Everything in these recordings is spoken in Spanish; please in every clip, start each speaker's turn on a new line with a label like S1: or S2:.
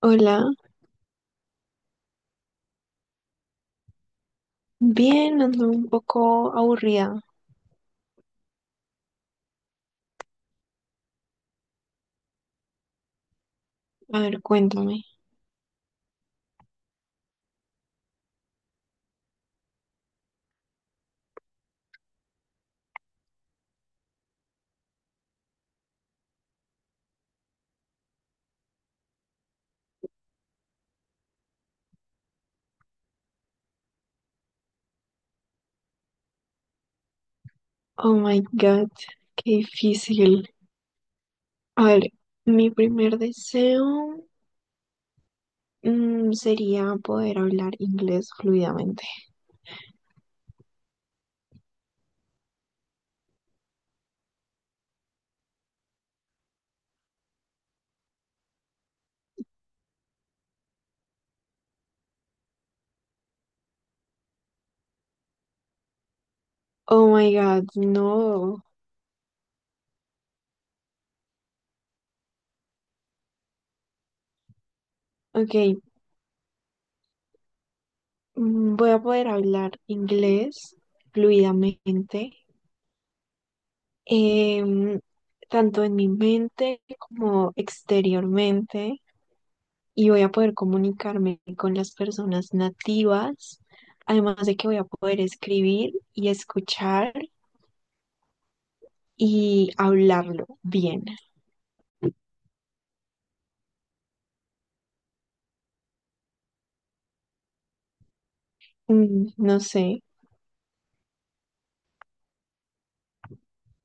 S1: Hola, bien, ando un poco aburrida. A ver, cuéntame. Oh my God, qué difícil. A ver, mi primer deseo sería poder hablar inglés fluidamente. Oh my God, no. Ok. Voy a poder hablar inglés fluidamente, em, tanto en mi mente como exteriormente, y voy a poder comunicarme con las personas nativas, además de que voy a poder escribir y escuchar y hablarlo bien. No sé,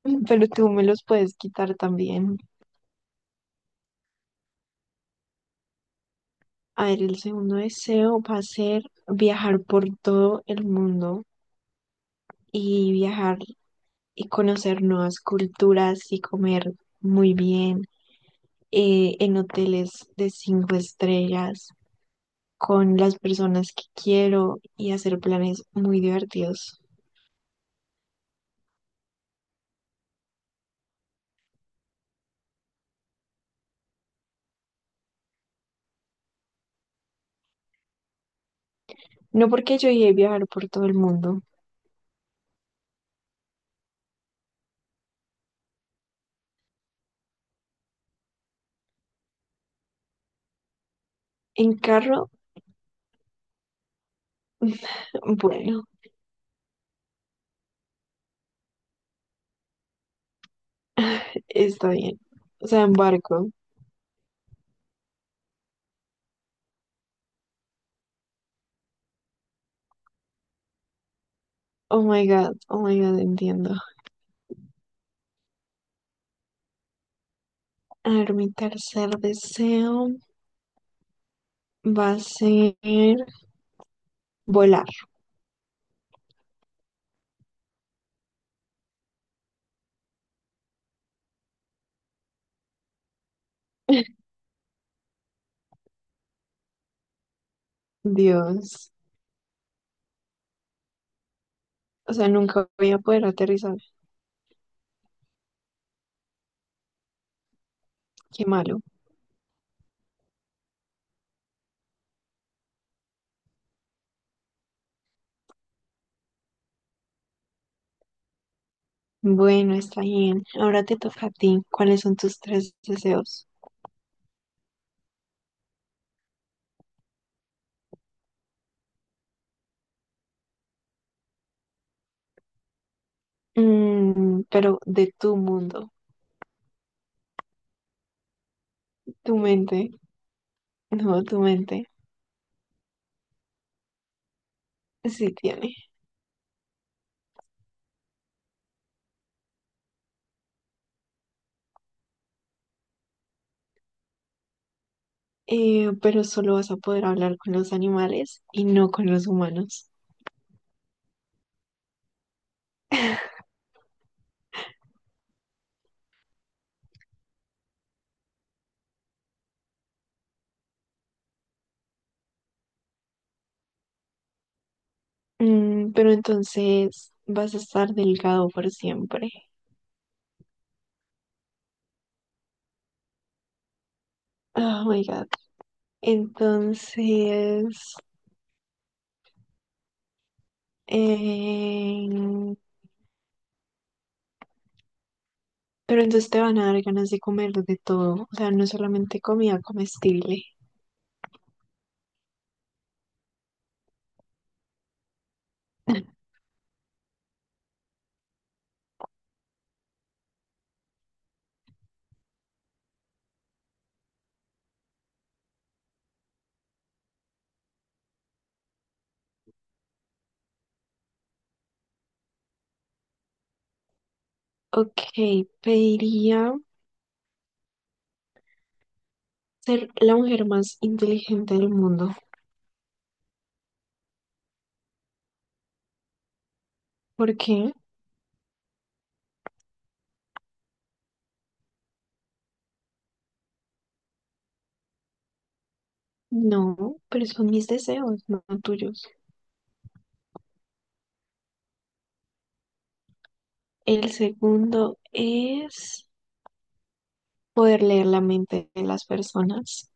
S1: pero tú me los puedes quitar también. A ver, el segundo deseo va a ser viajar por todo el mundo y viajar y conocer nuevas culturas y comer muy bien en hoteles de cinco estrellas con las personas que quiero y hacer planes muy divertidos. No, porque yo llegué a viajar por todo el mundo. En carro, bueno, está bien. O sea, en barco. Oh my God, entiendo. A ver, mi tercer deseo. Va a ser volar. Dios. O sea, nunca voy a poder aterrizar. Qué malo. Bueno, está bien. Ahora te toca a ti. ¿Cuáles son tus tres deseos? Mm, pero de tu mundo. Tu mente. No, tu mente. Sí tiene. Pero solo vas a poder hablar con los animales y no con los humanos. Mm, pero entonces vas a estar delgado por siempre. Oh my God. Entonces, eh pero entonces te van a dar ganas de comer de todo, o sea, no solamente comida comestible. Ok, pediría ser la mujer más inteligente del mundo. ¿Por qué? No, pero son mis deseos, no tuyos. El segundo es poder leer la mente de las personas.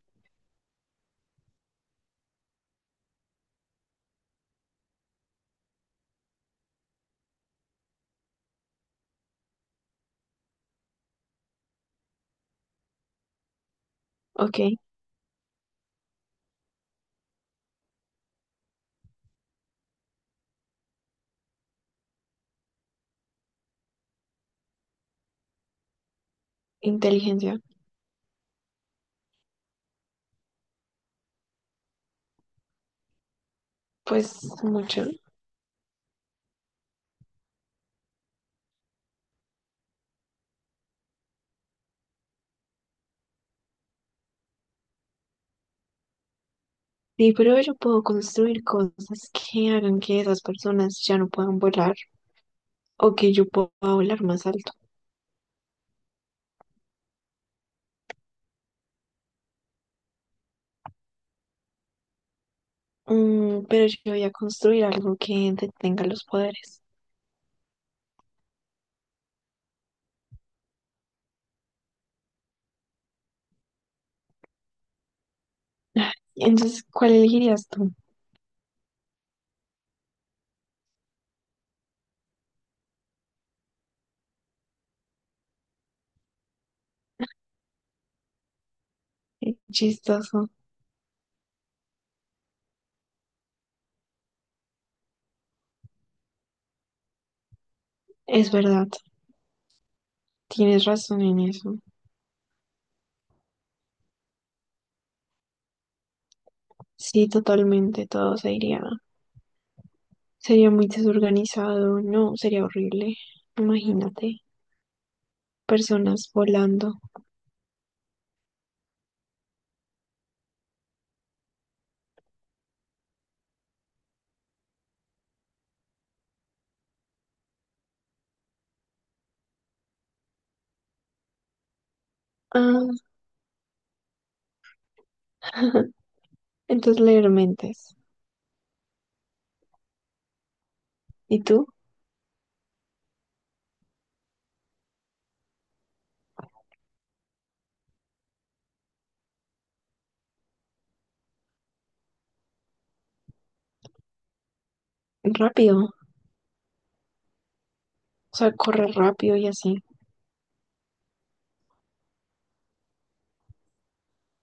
S1: Ok, inteligencia, pues mucho. Sí, pero yo puedo construir cosas que hagan que esas personas ya no puedan volar, o que yo pueda volar más alto. Mm, pero yo voy a construir algo que detenga los poderes. Entonces, ¿cuál elegirías tú? Qué chistoso. Es verdad, tienes razón en eso. Sí, totalmente, todo se iría. Sería muy desorganizado, no, sería horrible. Imagínate, personas volando. Ah, entonces leer mentes. ¿Y tú? Rápido, o sea, correr rápido y así.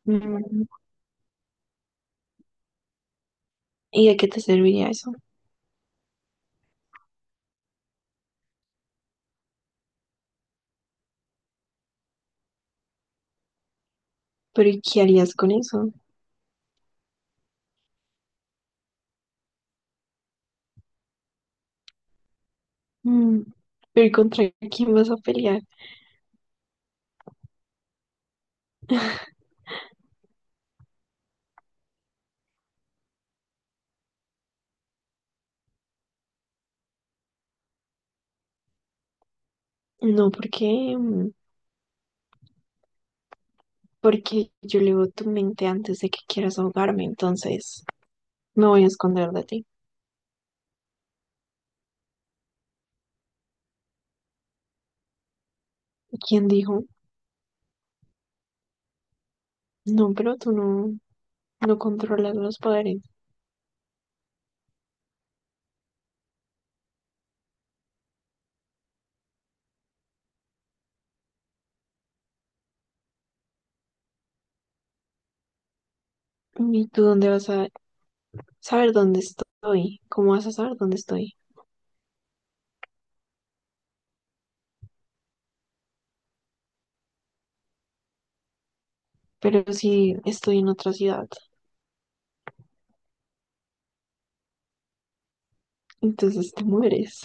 S1: Mm, ¿y de qué te serviría eso? Pero ¿y qué harías con eso? Mm, ¿pero y contra quién vas a pelear? No, porque, mm, porque yo leo tu mente antes de que quieras ahogarme, entonces me voy a esconder de ti. ¿Quién dijo? No, pero tú no, no controlas los poderes. ¿Y tú dónde vas a saber dónde estoy? ¿Cómo vas a saber dónde estoy? Pero si estoy en otra ciudad, entonces te mueres.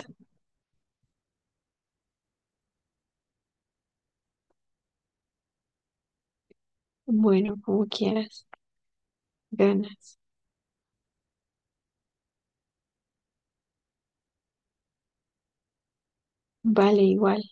S1: Bueno, como quieras, ganas. Vale, igual.